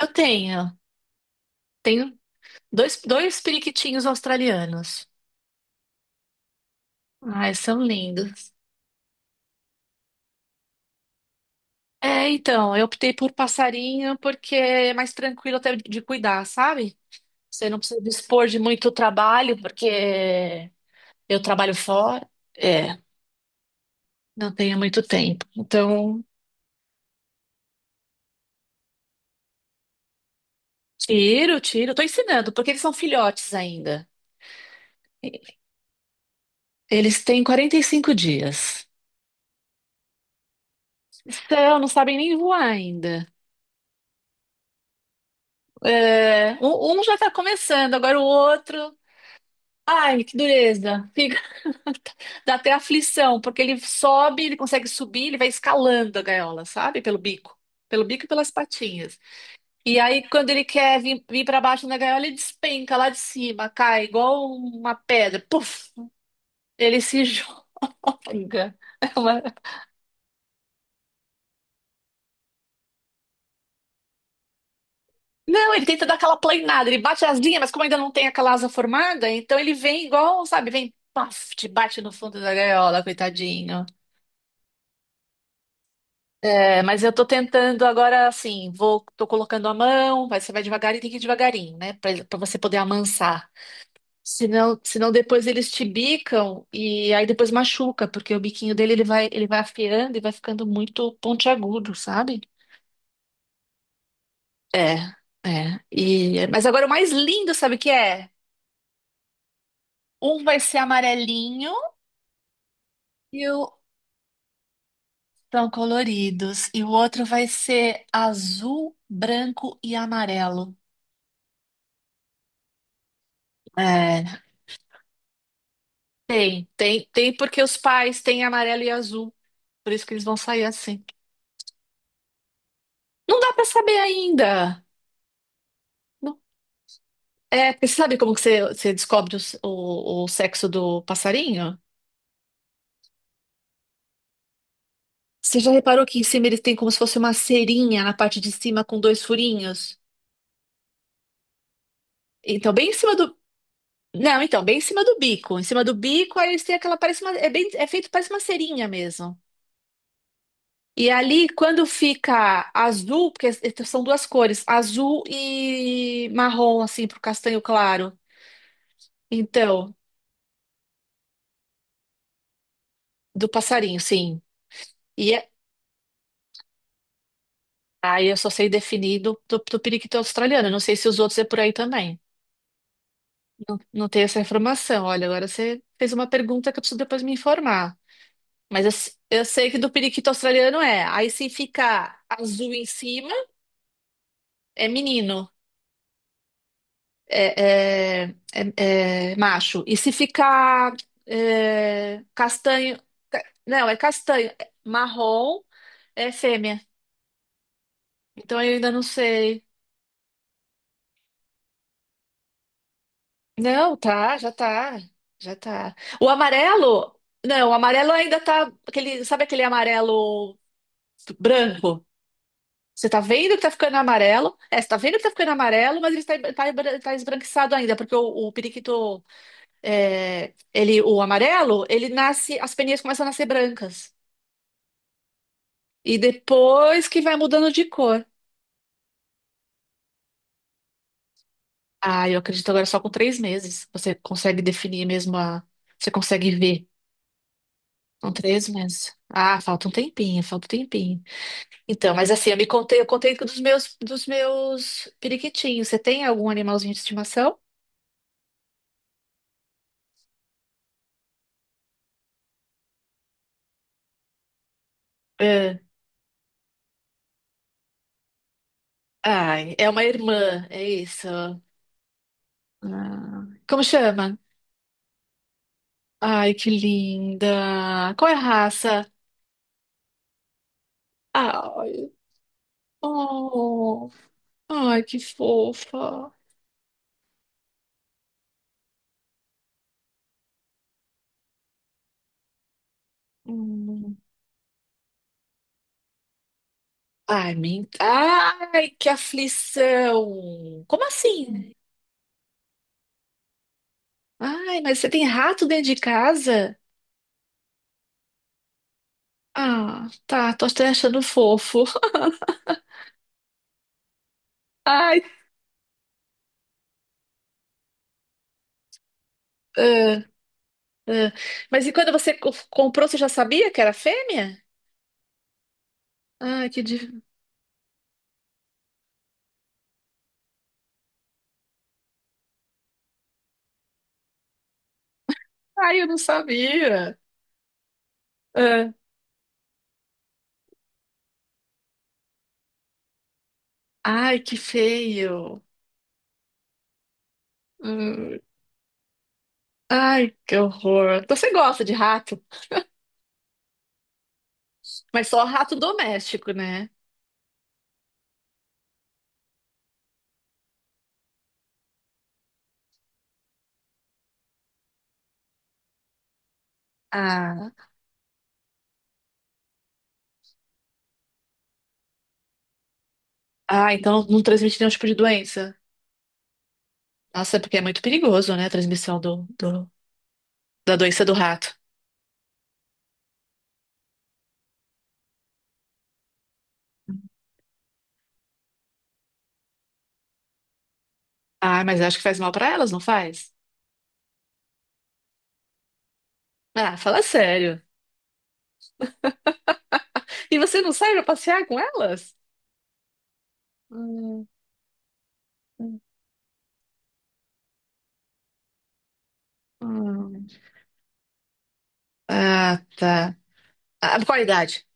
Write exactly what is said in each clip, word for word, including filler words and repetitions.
Eu tenho. Tenho dois, dois periquitinhos australianos. Ai, são lindos. É, então, eu optei por passarinho porque é mais tranquilo até de cuidar, sabe? Você não precisa dispor de muito trabalho, porque eu trabalho fora. É, não tenho muito tempo. Então, tiro, tiro. Tô ensinando, porque eles são filhotes ainda. Eles têm quarenta e cinco dias. Então, não sabem nem voar ainda. É, um, um já tá começando, agora o outro. Ai, que dureza. Fica... Dá até aflição, porque ele sobe, ele consegue subir, ele vai escalando a gaiola, sabe? Pelo bico. Pelo bico e pelas patinhas. E aí, quando ele quer vir, vir para baixo na gaiola, ele despenca lá de cima, cai igual uma pedra. Puf! Ele se joga. É uma- Não, ele tenta dar aquela planeada, ele bate as linhas, mas como ainda não tem aquela asa formada, então ele vem igual, sabe? Vem, paf, te bate no fundo da gaiola, coitadinho. É, mas eu tô tentando agora, assim, vou, tô colocando a mão, mas você vai devagar e tem que ir devagarinho, né? Pra, pra você poder amansar. Senão, senão depois eles te bicam e aí depois machuca, porque o biquinho dele ele vai, ele vai afiando e vai ficando muito pontiagudo, sabe? É, é. E, mas agora o mais lindo, sabe o que é? Um vai ser amarelinho e o são coloridos, e o outro vai ser azul, branco e amarelo. É. Tem, tem, tem, porque os pais têm amarelo e azul, por isso que eles vão sair assim. Não dá pra saber ainda. Não- É, porque você sabe como que você, você descobre o, s- o, o sexo do passarinho? Você já reparou que em cima eles têm como se fosse uma cerinha na parte de cima com dois furinhos? Então, bem em cima do. Não, então, bem em cima do bico. Em cima do bico, aí eles têm aquela. Parece uma, é, bem, é feito, parece uma cerinha mesmo. E ali, quando fica azul, porque são duas cores, azul e marrom, assim, pro castanho claro. Então, do passarinho, sim. E é- aí eu só sei definir do, do, do periquito australiano. Eu não sei se os outros é por aí também. Não, não tenho essa informação. Olha, agora você fez uma pergunta que eu preciso depois me informar. Mas eu, s- eu sei que do periquito australiano é. Aí se fica azul em cima, é menino. É, é, é, é, macho. E se ficar é, castanho, ca- não, é castanho, é marrom, é fêmea. Então eu ainda não sei. Não, tá, já tá, já tá. O amarelo, não, o amarelo ainda tá, aquele, sabe aquele amarelo branco? Você tá vendo que tá ficando amarelo? É, você tá vendo que tá ficando amarelo, mas ele tá, tá, tá esbranquiçado ainda, porque o, o periquito é, ele, o amarelo, ele nasce, as peninhas começam a nascer brancas. E depois que vai mudando de cor. Ah, eu acredito agora só com três meses. Você consegue definir mesmo a. Você consegue ver. Com três meses. Ah, falta um tempinho, falta um tempinho. Então, mas assim, eu me contei, eu contei dos meus, dos meus periquitinhos. Você tem algum animalzinho de estimação? É. Ai, é uma irmã, é isso. Ah, como chama? Ai, que linda. Qual é a raça? Ai, oh, ai, que fofa. Hum. Ai, men... ai, que aflição. Como assim? Ai, mas você tem rato dentro de casa? Ah, tá, tô até achando fofo. Ai, ah, ah. Mas e quando você co- comprou, você já sabia que era fêmea? Ai, que dif... Ai, eu não sabia. Ah. Ai, que feio. Hum. Ai, que horror. Você gosta de rato? Mas só rato doméstico, né? Ah, ah, então não transmite nenhum tipo de doença. Nossa, é porque é muito perigoso, né? A transmissão do, do- da doença do rato. Ah, mas eu acho que faz mal pra elas, não faz? Ah, fala sério. E você não sai pra passear com elas? Hum, hum, hum. Ah, tá. Ah, qual a idade?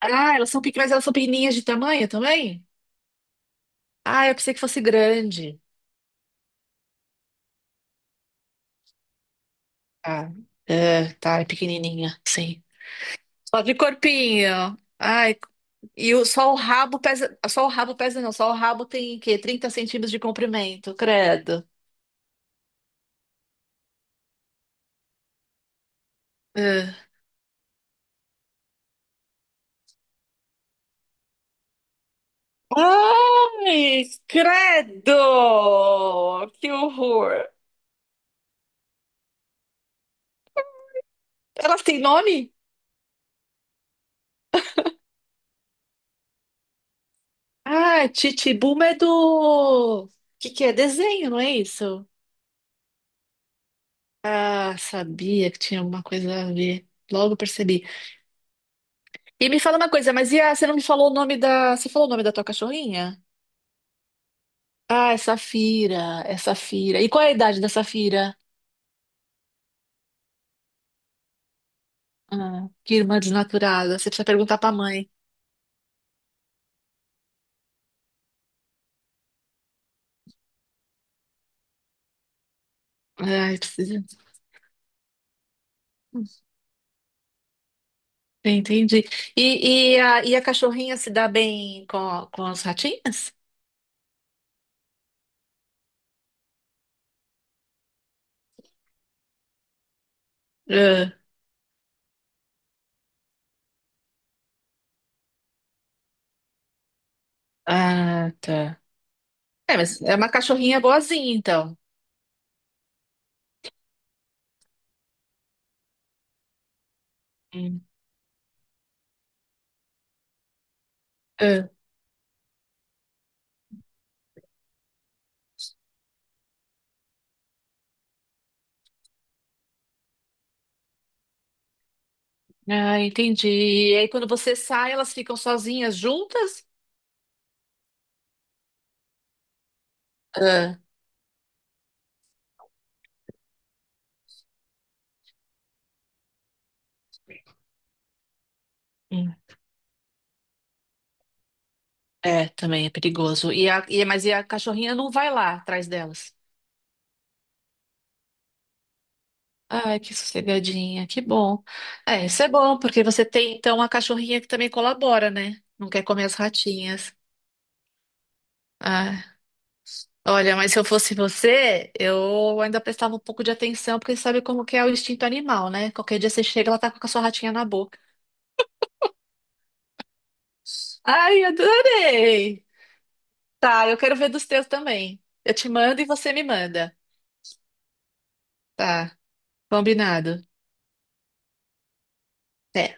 Ah, elas são pequenas, mas elas são pequenininhas de tamanho também? Ah, eu pensei que fosse grande. Ah, é, tá, é pequenininha, sim. Só de corpinho. Ai, e o, só o rabo pesa. Só o rabo pesa, não. Só o rabo tem o quê? trinta centímetros de comprimento, credo. É. Ai, credo! Que horror! Elas têm nome? Ah, Chichibuba é do. Que que é? Desenho, não é isso? Ah, sabia que tinha alguma coisa a ver. Logo percebi. E me fala uma coisa, mas e a, você não me falou o nome da. Você falou o nome da tua cachorrinha? Ah, é Safira. É Safira. E qual é a idade da Safira? Ah, que irmã desnaturada. Você precisa perguntar pra mãe. Ai, precisa. Entendi. E, e, a, e a cachorrinha se dá bem com, a- com as ratinhas? Ah, ah, tá. É, mas é uma cachorrinha boazinha, então. Hum. Ah, ah, entendi. E aí, quando você sai, elas ficam sozinhas juntas? Ah, hum. É, também é perigoso. E a, e, mas e a cachorrinha não vai lá atrás delas? Ai, que sossegadinha, que bom. É, isso é bom, porque você tem então uma cachorrinha que também colabora, né? Não quer comer as ratinhas. Ah, olha, mas se eu fosse você, eu ainda prestava um pouco de atenção, porque sabe como que é o instinto animal, né? Qualquer dia você chega, ela tá com a sua ratinha na boca. Ai, adorei! Tá, eu quero ver dos teus também. Eu te mando e você me manda. Tá, combinado. Até.